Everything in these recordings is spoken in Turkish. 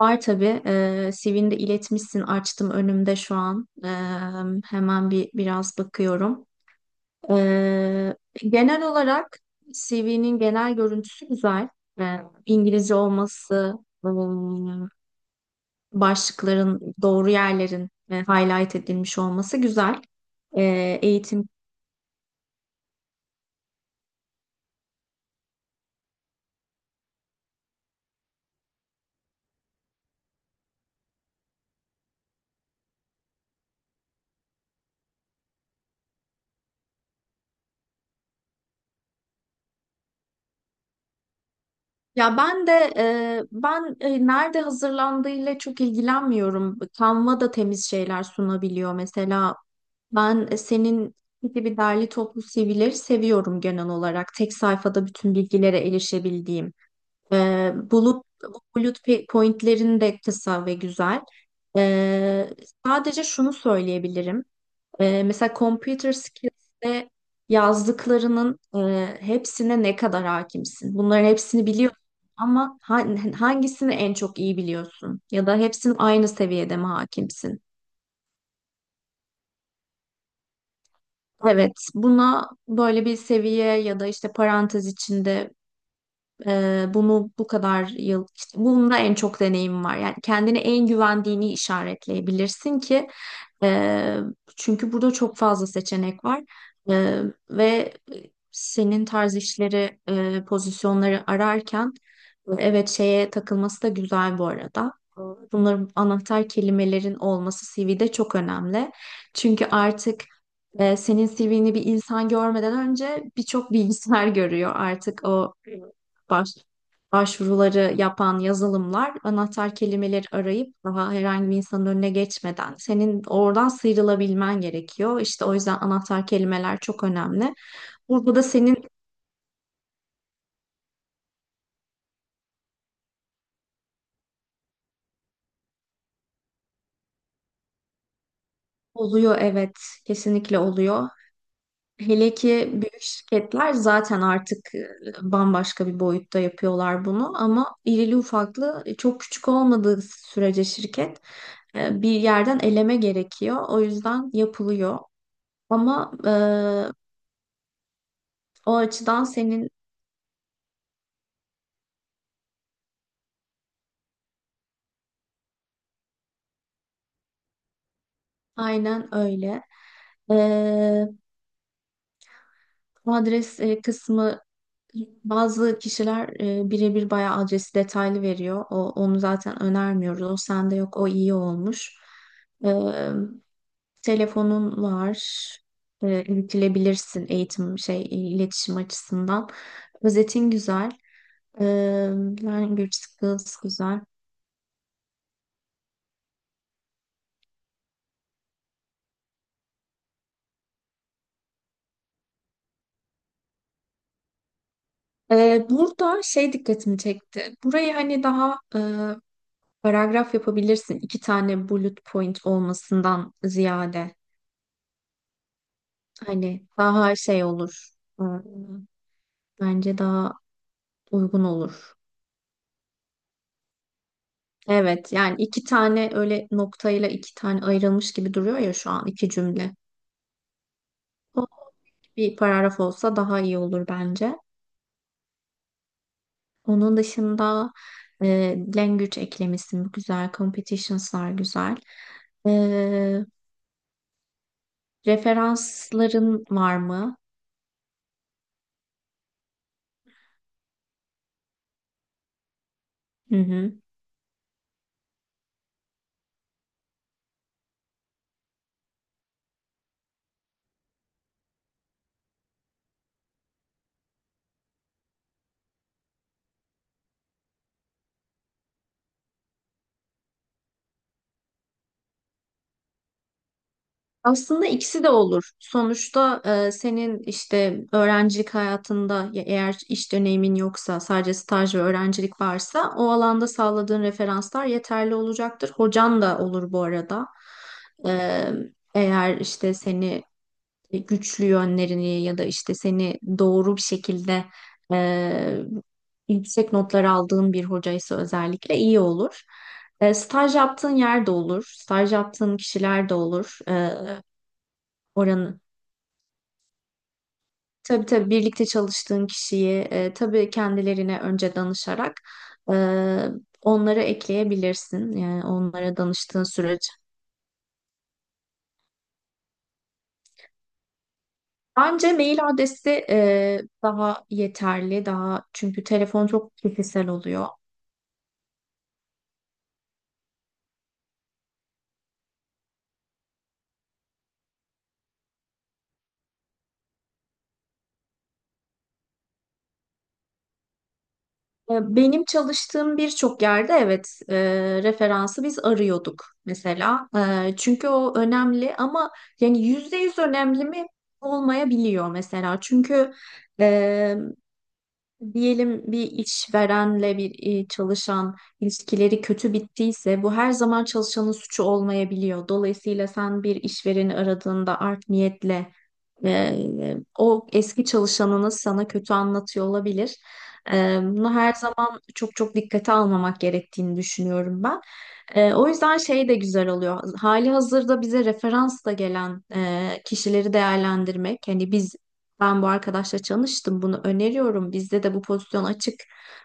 Var tabii. CV'ni de iletmişsin. Açtım önümde şu an. Hemen biraz bakıyorum. Genel olarak CV'nin genel görüntüsü güzel. Ee, İngilizce olması, ım, başlıkların doğru yerlerin highlight edilmiş olması güzel. Eğitim. Ya ben de nerede hazırlandığıyla çok ilgilenmiyorum. Canva da temiz şeyler sunabiliyor. Mesela ben senin gibi derli toplu CV'leri seviyorum genel olarak. Tek sayfada bütün bilgilere erişebildiğim. Ee, bulut, bulut pointlerin de kısa ve güzel. Ee, Sadece şunu söyleyebilirim. Mesela computer skills'te yazdıklarının hepsine ne kadar hakimsin? Bunların hepsini biliyorsun ama hangisini en çok iyi biliyorsun? Ya da hepsinin aynı seviyede mi hakimsin? Evet, buna böyle bir seviye ya da işte parantez içinde bunu bu kadar yıl, işte bunda en çok deneyim var. Yani kendine en güvendiğini işaretleyebilirsin ki ee, çünkü burada çok fazla seçenek var. Ee, Ve senin tarz işleri, pozisyonları ararken evet şeye takılması da güzel bu arada. Bunların anahtar kelimelerin olması CV'de çok önemli. Çünkü artık senin CV'ni bir insan görmeden önce birçok bilgisayar görüyor artık. O baş başvuruları yapan yazılımlar anahtar kelimeleri arayıp daha herhangi bir insanın önüne geçmeden senin oradan sıyrılabilmen gerekiyor. İşte o yüzden anahtar kelimeler çok önemli. Burada da senin. Oluyor, evet, kesinlikle oluyor. Hele ki büyük şirketler zaten artık bambaşka bir boyutta yapıyorlar bunu ama irili ufaklı çok küçük olmadığı sürece şirket bir yerden eleme gerekiyor. O yüzden yapılıyor. Ama o açıdan senin. Aynen öyle. Ee, Bu adres kısmı bazı kişiler birebir bayağı adresi detaylı veriyor. Onu zaten önermiyoruz. O sende yok. O iyi olmuş. Ee, Telefonun var. İletilebilirsin şey iletişim açısından. Özetin güzel. Ee, Language skills güzel. Burada şey dikkatimi çekti. Burayı hani daha paragraf yapabilirsin. İki tane bullet point olmasından ziyade. Hani daha şey olur. Hmm. Bence daha uygun olur. Evet, yani iki tane öyle noktayla iki tane ayrılmış gibi duruyor ya şu an iki cümle. O bir paragraf olsa daha iyi olur bence. Onun dışında e, language eklemişsin güzel, competitions'lar güzel. E, referansların var mı? Hı hı. Aslında ikisi de olur. Sonuçta senin işte öğrencilik hayatında ya eğer iş deneyimin yoksa sadece staj ve öğrencilik varsa o alanda sağladığın referanslar yeterli olacaktır. Hocan da olur bu arada. E, Eğer işte seni güçlü yönlerini ya da işte seni doğru bir şekilde e, yüksek notlar aldığın bir hocaysa özellikle iyi olur. Staj yaptığın yer de olur. Staj yaptığın kişiler de olur. Oranı. Tabii tabii birlikte çalıştığın kişiyi tabii kendilerine önce danışarak e, onları ekleyebilirsin. Yani onlara danıştığın sürece. Bence mail adresi daha yeterli. Daha çünkü telefon çok kişisel oluyor. Benim çalıştığım birçok yerde evet referansı biz arıyorduk mesela. Çünkü o önemli ama yani %100 önemli mi olmayabiliyor mesela. Çünkü e, diyelim bir işverenle bir çalışan ilişkileri kötü bittiyse bu her zaman çalışanın suçu olmayabiliyor. Dolayısıyla sen bir işvereni aradığında art niyetle e, o eski çalışanınız sana kötü anlatıyor olabilir. Bunu her zaman çok çok dikkate almamak gerektiğini düşünüyorum ben. O yüzden şey de güzel oluyor. Hali hazırda bize referans da gelen kişileri değerlendirmek. Hani ben bu arkadaşla çalıştım. Bunu öneriyorum. Bizde de bu pozisyon açık.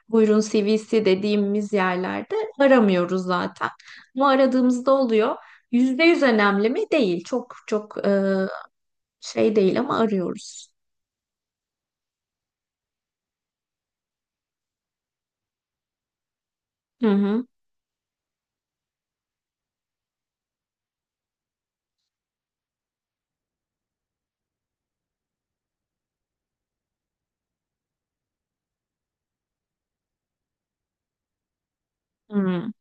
Buyurun CV'si dediğimiz yerlerde aramıyoruz zaten. Ama aradığımızda oluyor. %100 önemli mi? Değil. Çok çok şey değil ama arıyoruz. Hı hı. Hı.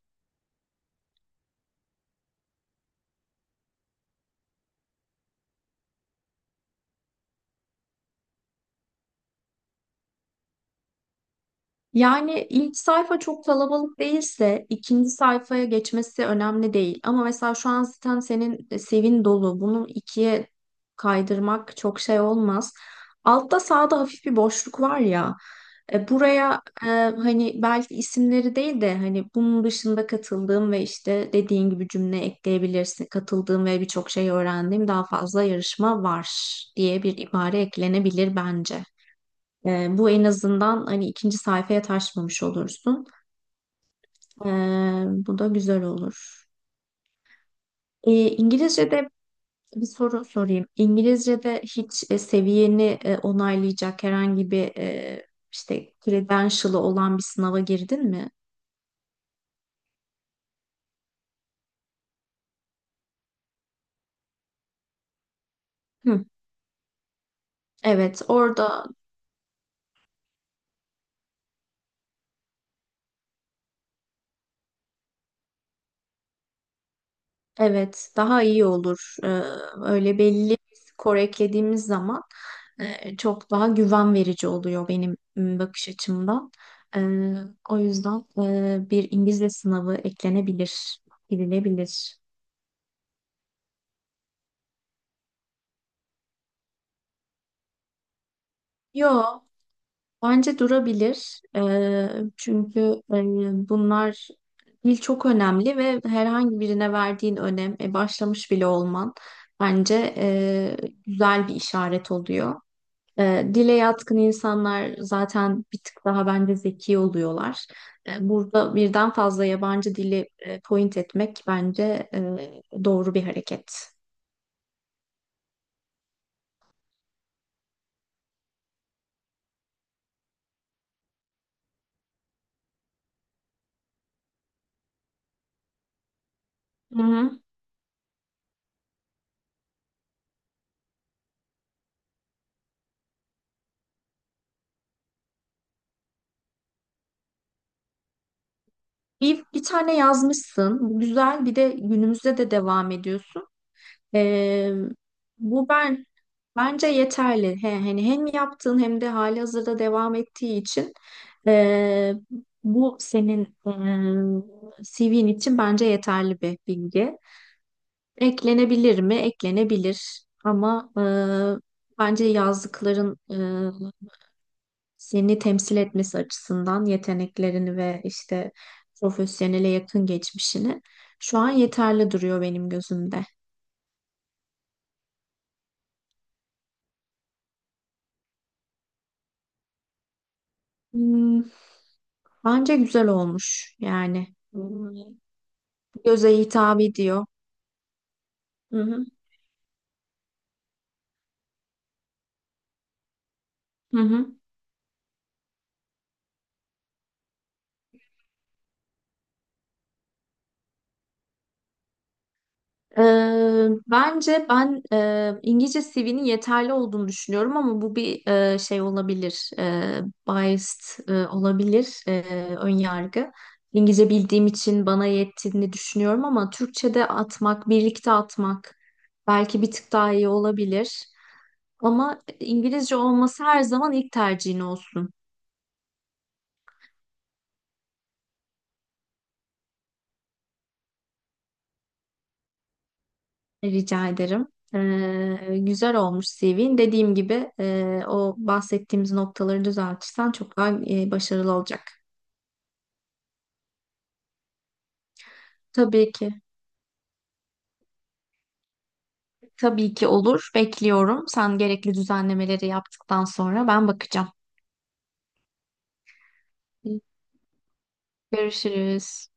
Yani ilk sayfa çok kalabalık değilse ikinci sayfaya geçmesi önemli değil. Ama mesela şu an zaten senin sevin dolu. Bunu ikiye kaydırmak çok şey olmaz. Altta sağda hafif bir boşluk var ya. Buraya hani belki isimleri değil de hani bunun dışında katıldığım ve işte dediğin gibi cümle ekleyebilirsin. Katıldığım ve birçok şey öğrendiğim daha fazla yarışma var diye bir ibare eklenebilir bence. Bu en azından hani ikinci sayfaya taşmamış olursun. Bu da güzel olur. Ee, İngilizce'de bir soru sorayım. İngilizce'de hiç seviyeni onaylayacak herhangi bir işte credential'ı olan bir sınava girdin mi? Hı. Evet, evet, daha iyi olur. Öyle belli bir skor eklediğimiz zaman çok daha güven verici oluyor benim bakış açımdan. Ee, O yüzden bir İngilizce sınavı eklenebilir, gidilebilir. Yo, bence durabilir. Çünkü bunlar dil çok önemli ve herhangi birine verdiğin önem, başlamış bile olman bence güzel bir işaret oluyor. Dile yatkın insanlar zaten bir tık daha bence zeki oluyorlar. Burada birden fazla yabancı dili point etmek bence doğru bir hareket. Hı hı. Bir tane yazmışsın. Bu güzel. Bir de günümüzde de devam ediyorsun. E, bu ben Bence yeterli. He, hani hem yaptığın hem de halihazırda devam ettiği için e, bu senin CV'nin için bence yeterli bir bilgi. Eklenebilir mi? Eklenebilir. Ama bence yazdıkların seni temsil etmesi açısından yeteneklerini ve işte profesyonele yakın geçmişini şu an yeterli duruyor benim gözümde. Hmm, bence güzel olmuş yani. Göze hitap ediyor. Hı hı. Hı hı. Bence ben İngilizce CV'nin yeterli olduğunu düşünüyorum ama bu bir şey olabilir, biased olabilir, ön yargı. İngilizce bildiğim için bana yettiğini düşünüyorum ama Türkçe'de atmak, birlikte atmak belki bir tık daha iyi olabilir. Ama İngilizce olması her zaman ilk tercihin olsun. Rica ederim. Güzel olmuş CV'in. Dediğim gibi o bahsettiğimiz noktaları düzeltirsen çok daha başarılı olacak. Tabii ki, tabii ki olur. Bekliyorum. Sen gerekli düzenlemeleri yaptıktan sonra ben bakacağım. Görüşürüz.